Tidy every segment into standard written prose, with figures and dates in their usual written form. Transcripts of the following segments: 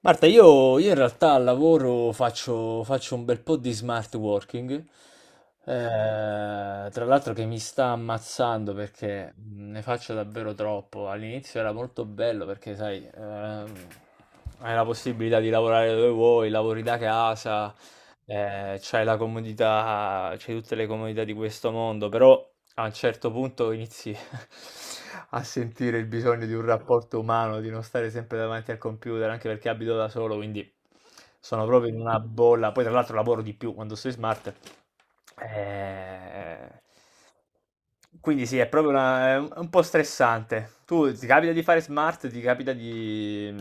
Marta, io in realtà al lavoro faccio un bel po' di smart working, tra l'altro che mi sta ammazzando perché ne faccio davvero troppo. All'inizio era molto bello perché, sai, hai la possibilità di lavorare dove vuoi, lavori da casa, c'hai la comodità, c'hai tutte le comodità di questo mondo, però a un certo punto inizi a sentire il bisogno di un rapporto umano, di non stare sempre davanti al computer, anche perché abito da solo, quindi sono proprio in una bolla. Poi, tra l'altro, lavoro di più quando sei smart. Eh, Quindi sì, è proprio è un po' stressante. Tu ti capita di fare smart, ti capita di,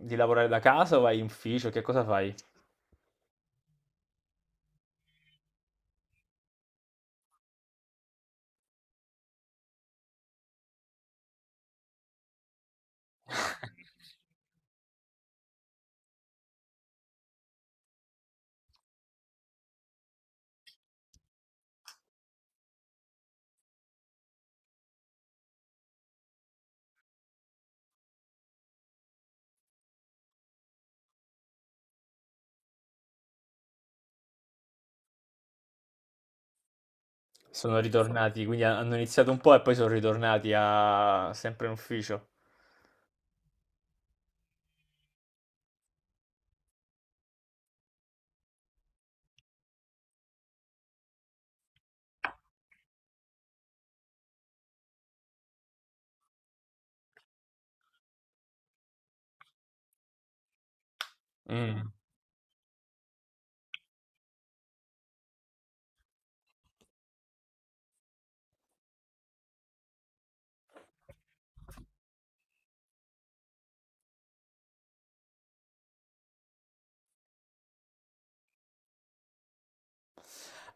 di lavorare da casa o vai in ufficio? Che cosa fai? Sono ritornati, quindi hanno iniziato un po' e poi sono ritornati a, sempre in ufficio. Mm.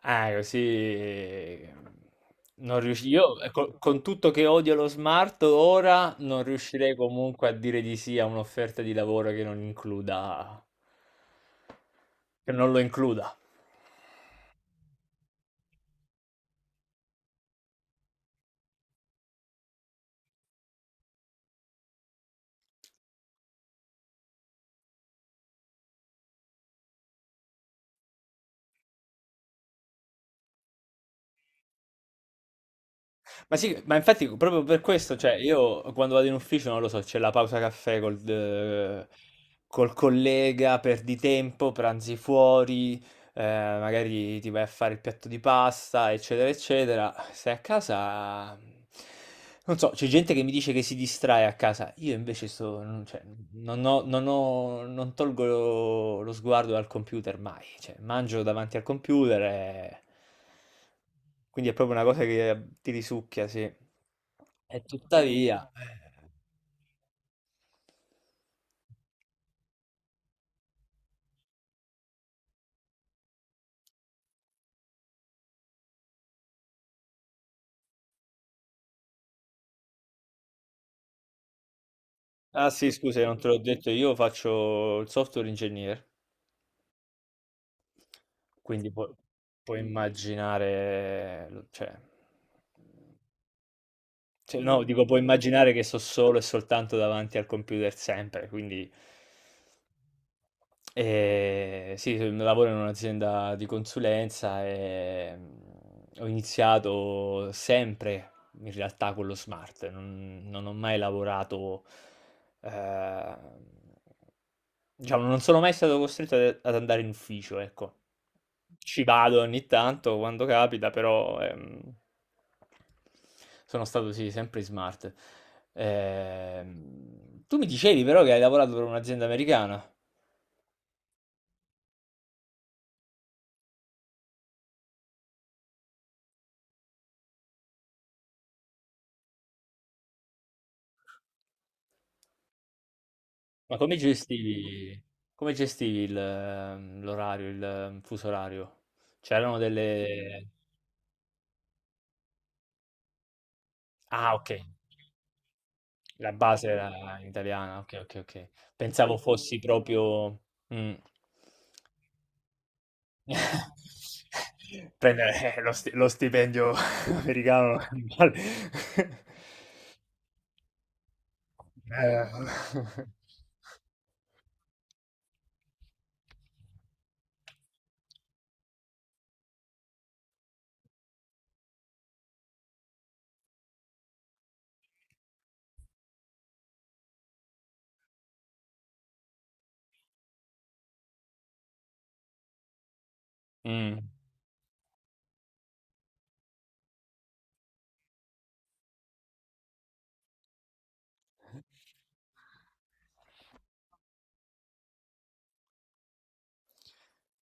Così non riusci- io con tutto che odio lo smart ora non riuscirei comunque a dire di sì a un'offerta di lavoro che non lo includa. Ma sì, ma infatti proprio per questo, cioè io quando vado in ufficio non lo so, c'è la pausa caffè col collega, perdi tempo, pranzi fuori. eh, Magari ti vai a fare il piatto di pasta, eccetera, eccetera. Stai a casa, non so, c'è gente che mi dice che si distrae a casa, io invece sto, non, cioè, non tolgo lo sguardo dal computer mai, cioè, mangio davanti al computer e. Quindi è proprio una cosa che ti risucchia, sì. E tuttavia. Ah sì, scusa, non te l'ho detto, io faccio il software engineer. Quindi pu- puoi immaginare, cioè, no, dico, puoi immaginare che sto solo e soltanto davanti al computer sempre, quindi sì, lavoro in un'azienda di consulenza e ho iniziato sempre in realtà con lo smart, non ho mai lavorato, eh, diciamo, non sono mai stato costretto ad andare in ufficio, ecco. Ci vado ogni tanto quando capita, però sono stato sì, sempre smart. Tu mi dicevi però che hai lavorato per un'azienda americana, ma come gestivi l'orario, il fuso orario? C'erano delle. Ah, ok, la base era italiana, ok, ok, ok. Pensavo fossi proprio. Mm. Prendere, lo stipendio americano vale. Eh. Mm.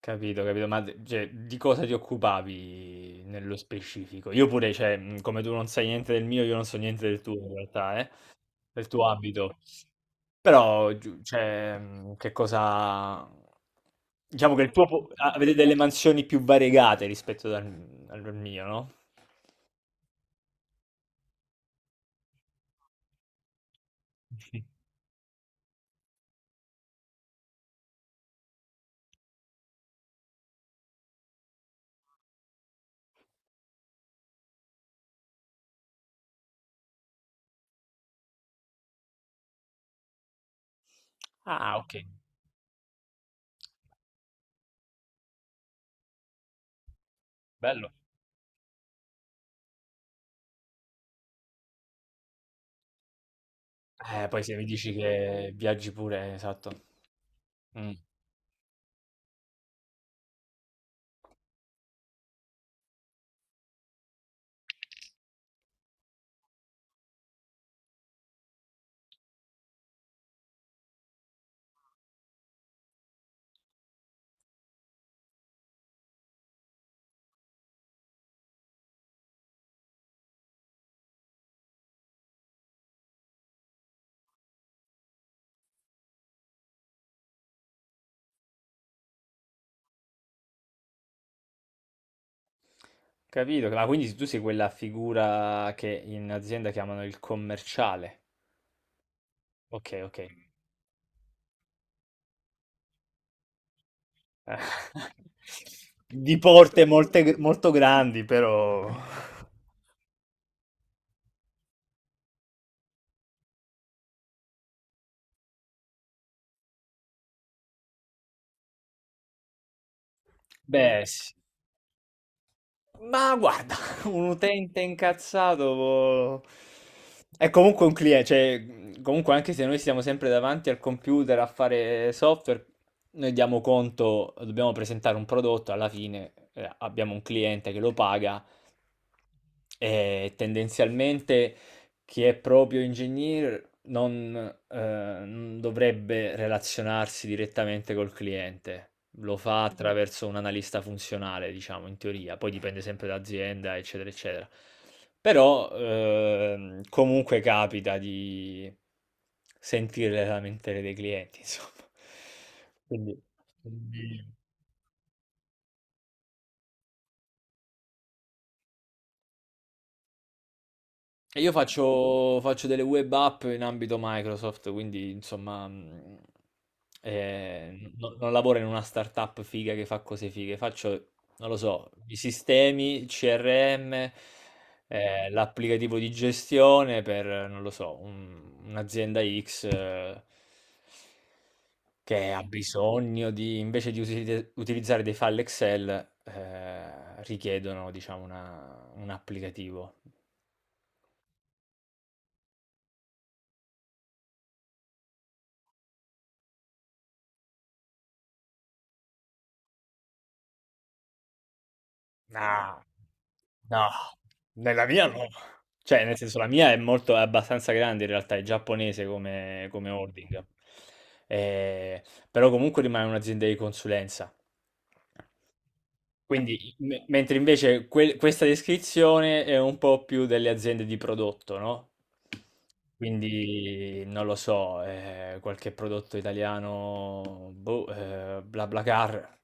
Capito, capito, ma cioè, di cosa ti occupavi nello specifico? Io pure, cioè, come tu non sai niente del mio, io non so niente del tuo in realtà, eh? Del tuo abito. Però, giu cioè, che cosa diciamo che il tuo po a avete delle mansioni più variegate rispetto al mio, no? Mh-mh. Ah, okay, bello. Poi se mi dici che viaggi pure esatto. Mh. Capito, ma quindi tu sei quella figura che in azienda chiamano il commerciale. Okay, okay. Eh. Di porte molte g molto grandi, però Beh, s ma guarda, un utente incazzato può- è comunque un cliente, cioè comunque anche se noi stiamo sempre davanti al computer a fare software, noi diamo conto, dobbiamo presentare un prodotto, alla fine abbiamo un cliente che lo paga e tendenzialmente chi è proprio ingegnere non ehm, non dovrebbe relazionarsi direttamente col cliente. Lo fa, mh-mh, attraverso un analista funzionale, diciamo, in teoria, poi dipende sempre da azienda, eccetera, eccetera. Però, comunque capita di sentire le lamentele dei clienti, insomma. Quindi quindi E io faccio delle web app in ambito Microsoft, quindi insomma non lavoro in una startup figa che fa cose fighe, faccio, non lo so, i sistemi, CRM, l'applicativo di gestione per, non lo so, un'azienda X che ha bisogno di, invece di utilizzare dei file Excel, richiedono, diciamo, un applicativo. No, no, nella mia no. Cioè, nel senso, la mia è molto, è abbastanza grande in realtà, è giapponese come, holding. Eh, però comunque rimane un'azienda di consulenza. Quindi, mentre invece questa descrizione è un po' più delle aziende di prodotto, no? Quindi, non lo so, qualche prodotto italiano, boh, BlaBlaCar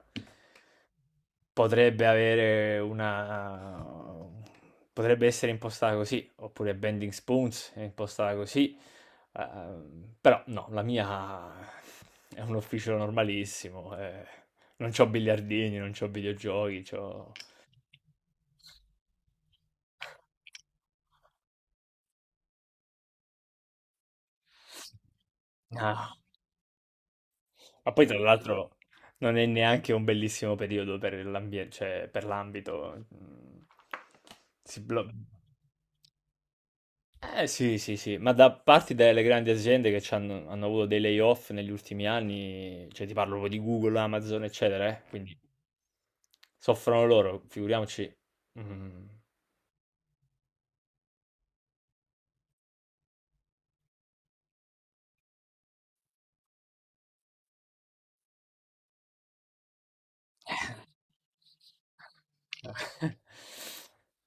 potrebbe avere una... potrebbe essere impostata così, oppure Bending Spoons è impostata così, però no, la mia è un ufficio normalissimo, non c'ho biliardini, non c'ho videogiochi, c'ho. Ah, ma poi tra l'altro non è neanche un bellissimo periodo per l'ambiente, cioè per l'ambito. Si blo- Eh sì, sì, sì, ma da parte delle grandi aziende che hanno avuto dei layoff negli ultimi anni, cioè ti parlo proprio di Google, Amazon, eccetera. Quindi soffrono loro, figuriamoci. Mm.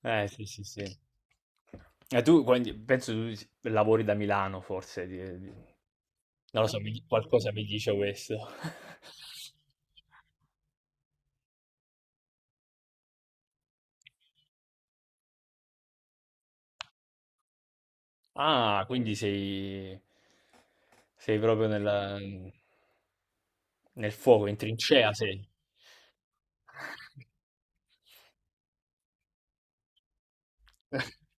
Eh sì, sì, sì. E tu quindi penso tu lavori da Milano forse, non lo so, qualcosa mi dice questo. Ah, quindi sei proprio nel fuoco, in trincea sei.